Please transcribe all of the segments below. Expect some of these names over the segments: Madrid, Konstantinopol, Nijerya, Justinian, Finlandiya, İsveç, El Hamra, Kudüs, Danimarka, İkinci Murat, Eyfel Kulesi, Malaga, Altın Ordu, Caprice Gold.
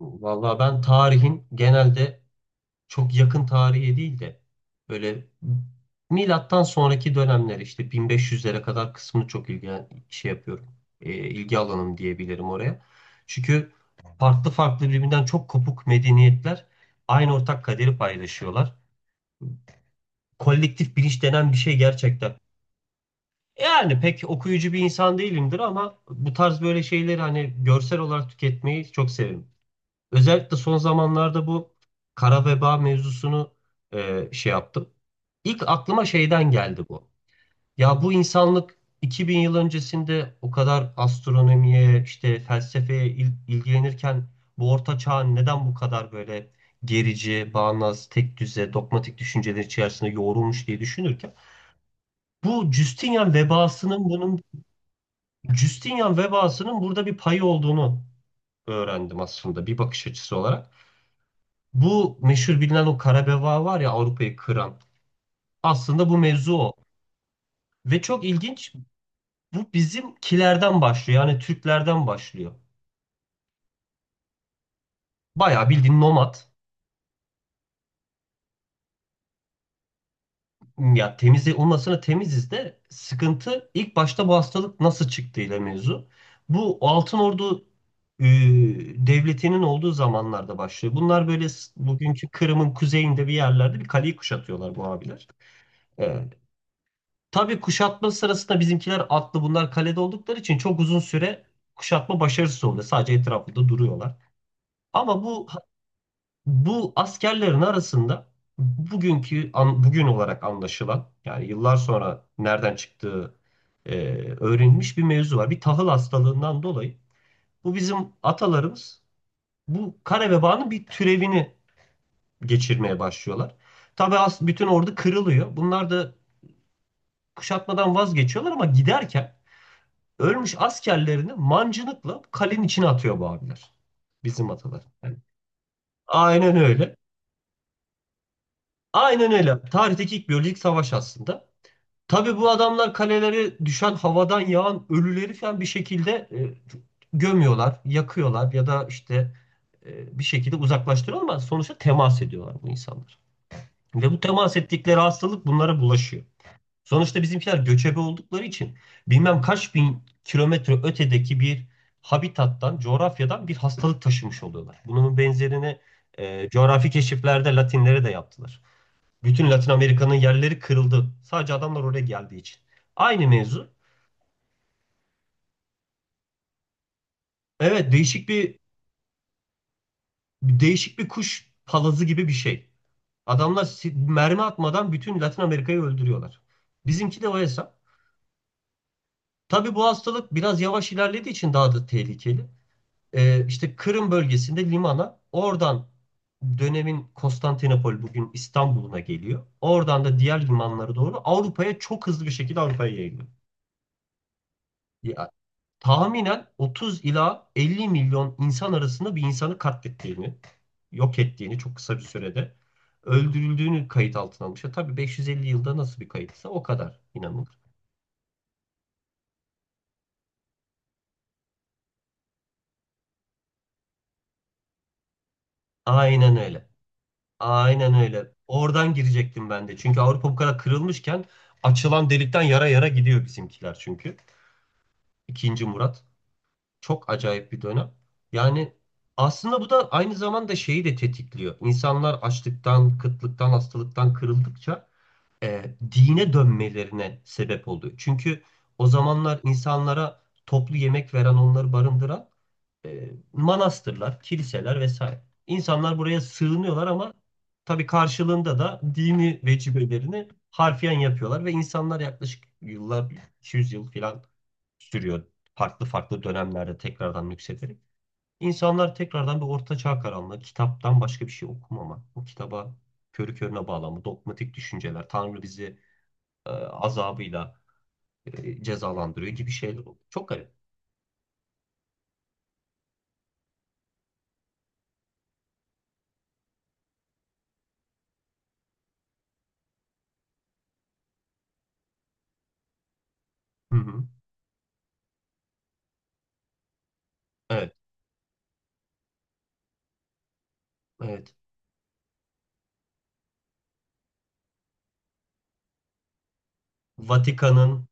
Vallahi ben tarihin genelde çok yakın tarihe değil de böyle milattan sonraki dönemler işte 1500'lere kadar kısmını çok şey yapıyorum. İlgi alanım diyebilirim oraya. Çünkü farklı farklı birbirinden çok kopuk medeniyetler aynı ortak kaderi paylaşıyorlar. Kolektif bilinç denen bir şey gerçekten. Yani pek okuyucu bir insan değilimdir ama bu tarz böyle şeyleri hani görsel olarak tüketmeyi çok severim. Özellikle son zamanlarda bu kara veba mevzusunu şey yaptım. İlk aklıma şeyden geldi bu. Ya bu insanlık 2000 yıl öncesinde o kadar astronomiye, işte felsefeye ilgilenirken bu orta çağ neden bu kadar böyle gerici, bağnaz, tek düze, dogmatik düşünceler içerisinde yoğrulmuş diye düşünürken bu Justinian vebasının bunun Justinian vebasının burada bir payı olduğunu öğrendim aslında bir bakış açısı olarak. Bu meşhur bilinen o kara beva var ya Avrupa'yı kıran. Aslında bu mevzu o. Ve çok ilginç, bu bizimkilerden başlıyor. Yani Türklerden başlıyor. Bayağı bildiğin nomad. Ya temiz, onun aslında temiziz de sıkıntı ilk başta bu hastalık nasıl çıktığıyla mevzu. Bu Altın Ordu e, devletinin olduğu zamanlarda başlıyor. Bunlar böyle bugünkü Kırım'ın kuzeyinde bir yerlerde bir kaleyi kuşatıyorlar bu abiler. E, Tabii kuşatma sırasında bizimkiler atlı, bunlar kalede oldukları için çok uzun süre kuşatma başarısız oluyor. Sadece etrafında duruyorlar. Ama bu askerlerin arasında bugün olarak anlaşılan, yani yıllar sonra nereden çıktığı e, öğrenilmiş bir mevzu var. Bir tahıl hastalığından dolayı bu bizim atalarımız bu kare vebanın bir türevini geçirmeye başlıyorlar. Tabii bütün ordu kırılıyor. Bunlar da kuşatmadan vazgeçiyorlar ama giderken ölmüş askerlerini mancınıkla kalenin içine atıyor bu abiler. Bizim atalar. Yani aynen öyle. Aynen öyle. Tarihteki ilk biyolojik savaş aslında. Tabii bu adamlar kalelere düşen havadan yağan ölüleri falan bir şekilde gömüyorlar, yakıyorlar ya da işte bir şekilde uzaklaştırıyorlar ama sonuçta temas ediyorlar bu insanlar. Ve bu temas ettikleri hastalık bunlara bulaşıyor. Sonuçta bizimkiler göçebe oldukları için bilmem kaç bin kilometre ötedeki bir habitattan, coğrafyadan bir hastalık taşımış oluyorlar. Bunun benzerini coğrafi keşiflerde Latinlere de yaptılar. Bütün Latin Amerika'nın yerleri kırıldı. Sadece adamlar oraya geldiği için. Aynı mevzu. Evet, değişik bir kuş palazı gibi bir şey. Adamlar mermi atmadan bütün Latin Amerika'yı öldürüyorlar. Bizimki de o hesap. Tabii bu hastalık biraz yavaş ilerlediği için daha da tehlikeli. İşte Kırım bölgesinde limana, oradan dönemin Konstantinopol bugün İstanbul'una geliyor. Oradan da diğer limanlara doğru Avrupa'ya, çok hızlı bir şekilde Avrupa'ya yayılıyor. Ya, tahminen 30 ila 50 milyon insan arasında bir insanı katlettiğini, yok ettiğini çok kısa bir sürede öldürüldüğünü kayıt altına almış. Ya, tabii 550 yılda nasıl bir kayıtsa o kadar inanılır. Aynen öyle. Aynen öyle. Oradan girecektim ben de. Çünkü Avrupa bu kadar kırılmışken açılan delikten yara yara gidiyor bizimkiler çünkü. İkinci Murat. Çok acayip bir dönem. Yani aslında bu da aynı zamanda şeyi de tetikliyor. İnsanlar açlıktan, kıtlıktan, hastalıktan kırıldıkça e, dine dönmelerine sebep oluyor. Çünkü o zamanlar insanlara toplu yemek veren, onları barındıran manastırlar, kiliseler vesaire. İnsanlar buraya sığınıyorlar ama tabii karşılığında da dini vecibelerini harfiyen yapıyorlar ve insanlar yaklaşık yıllar, 200 yıl falan sürüyor. Farklı farklı dönemlerde tekrardan yükselerek. İnsanlar tekrardan bir orta çağ karanlığı, kitaptan başka bir şey okumama, bu kitaba körü körüne bağlanma, dogmatik düşünceler, Tanrı bizi azabıyla cezalandırıyor gibi şeyler oluyor. Çok garip. Hı hı. Evet, evet. Vatikan'ın,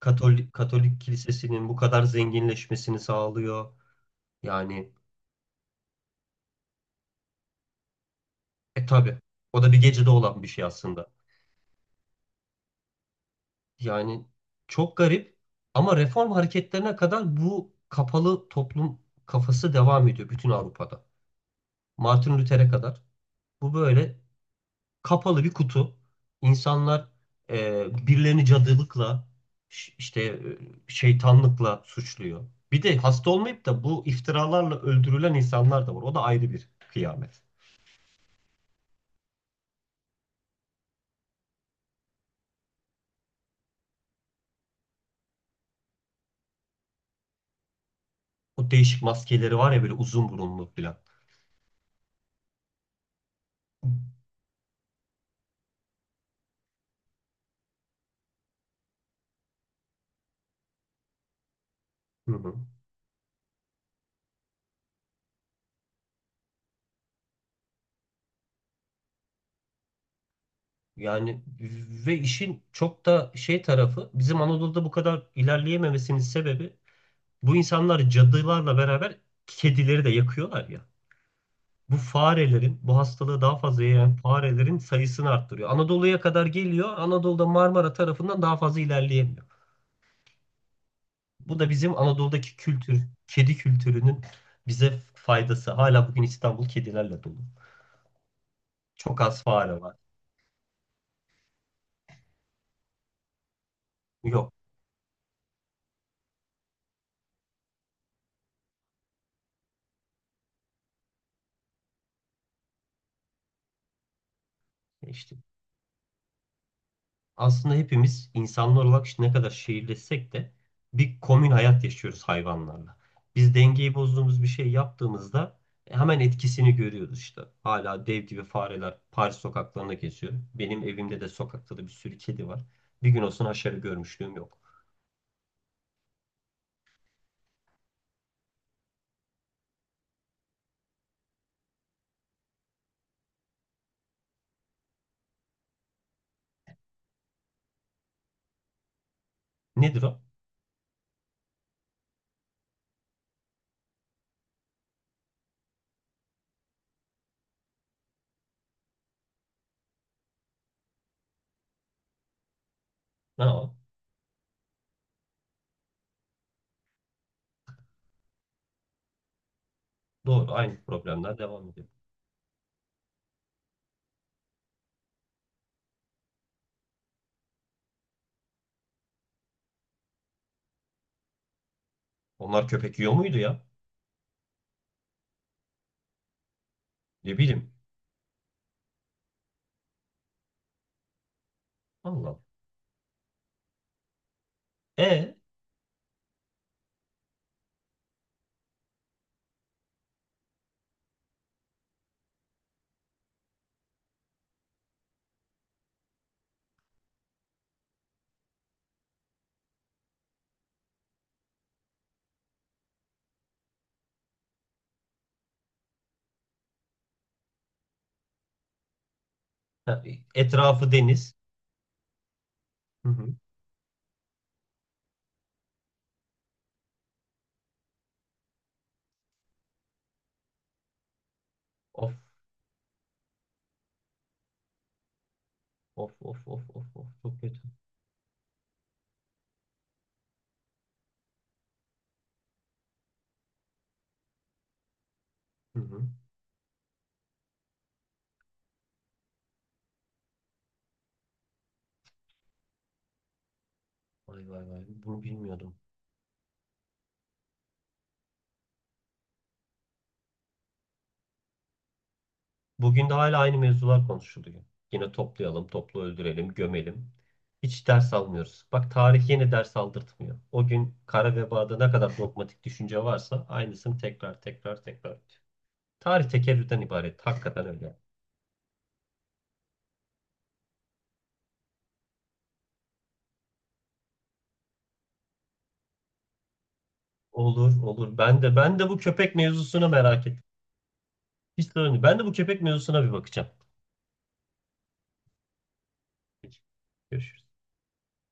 Katolik kilisesinin bu kadar zenginleşmesini sağlıyor. Yani tabii o da bir gecede olan bir şey aslında. Yani çok garip, ama reform hareketlerine kadar bu kapalı toplum kafası devam ediyor bütün Avrupa'da. Martin Luther'e kadar bu böyle kapalı bir kutu. İnsanlar birilerini cadılıkla, işte şeytanlıkla suçluyor. Bir de hasta olmayıp da bu iftiralarla öldürülen insanlar da var. O da ayrı bir kıyamet. O değişik maskeleri var ya, böyle uzun burunlu falan. Hı hı. Yani ve işin çok da şey tarafı, bizim Anadolu'da bu kadar ilerleyememesinin sebebi, bu insanlar cadılarla beraber kedileri de yakıyorlar ya. Bu farelerin, bu hastalığı daha fazla yayan farelerin sayısını arttırıyor. Anadolu'ya kadar geliyor. Anadolu'da Marmara tarafından daha fazla ilerleyemiyor. Bu da bizim Anadolu'daki kedi kültürünün bize faydası. Hala bugün İstanbul kedilerle dolu. Çok az fare var. Yok. İşte aslında hepimiz insanlar olarak, işte ne kadar şehirleşsek de, bir komün hayat yaşıyoruz hayvanlarla. Biz dengeyi bozduğumuz bir şey yaptığımızda hemen etkisini görüyoruz işte. Hala dev gibi fareler Paris sokaklarına geziyor. Benim evimde de sokakta da bir sürü kedi var. Bir gün olsun aşağı görmüşlüğüm yok. Nedir o? Ha, o. Doğru, aynı problemler devam ediyor. Onlar köpek yiyor muydu ya? Ne bileyim. Allah Allah. E Ha, etrafı deniz. Hı hı. Of of of of of of, çok kötü. Hı hı. Vay vay vay. Bunu bilmiyordum. Bugün de hala aynı mevzular konuşuluyor. Yine toplayalım, toplu öldürelim, gömelim. Hiç ders almıyoruz. Bak, tarih yine ders aldırtmıyor. O gün kara vebada ne kadar dogmatik düşünce varsa aynısını tekrar tekrar tekrar ediyor. Tarih tekerrürden ibaret. Hakikaten öyle. Olur olur. Ben de bu köpek mevzusuna merak ettim. Hiç sorun değil. Ben de bu köpek mevzusuna bir bakacağım. Peki. Görüşürüz.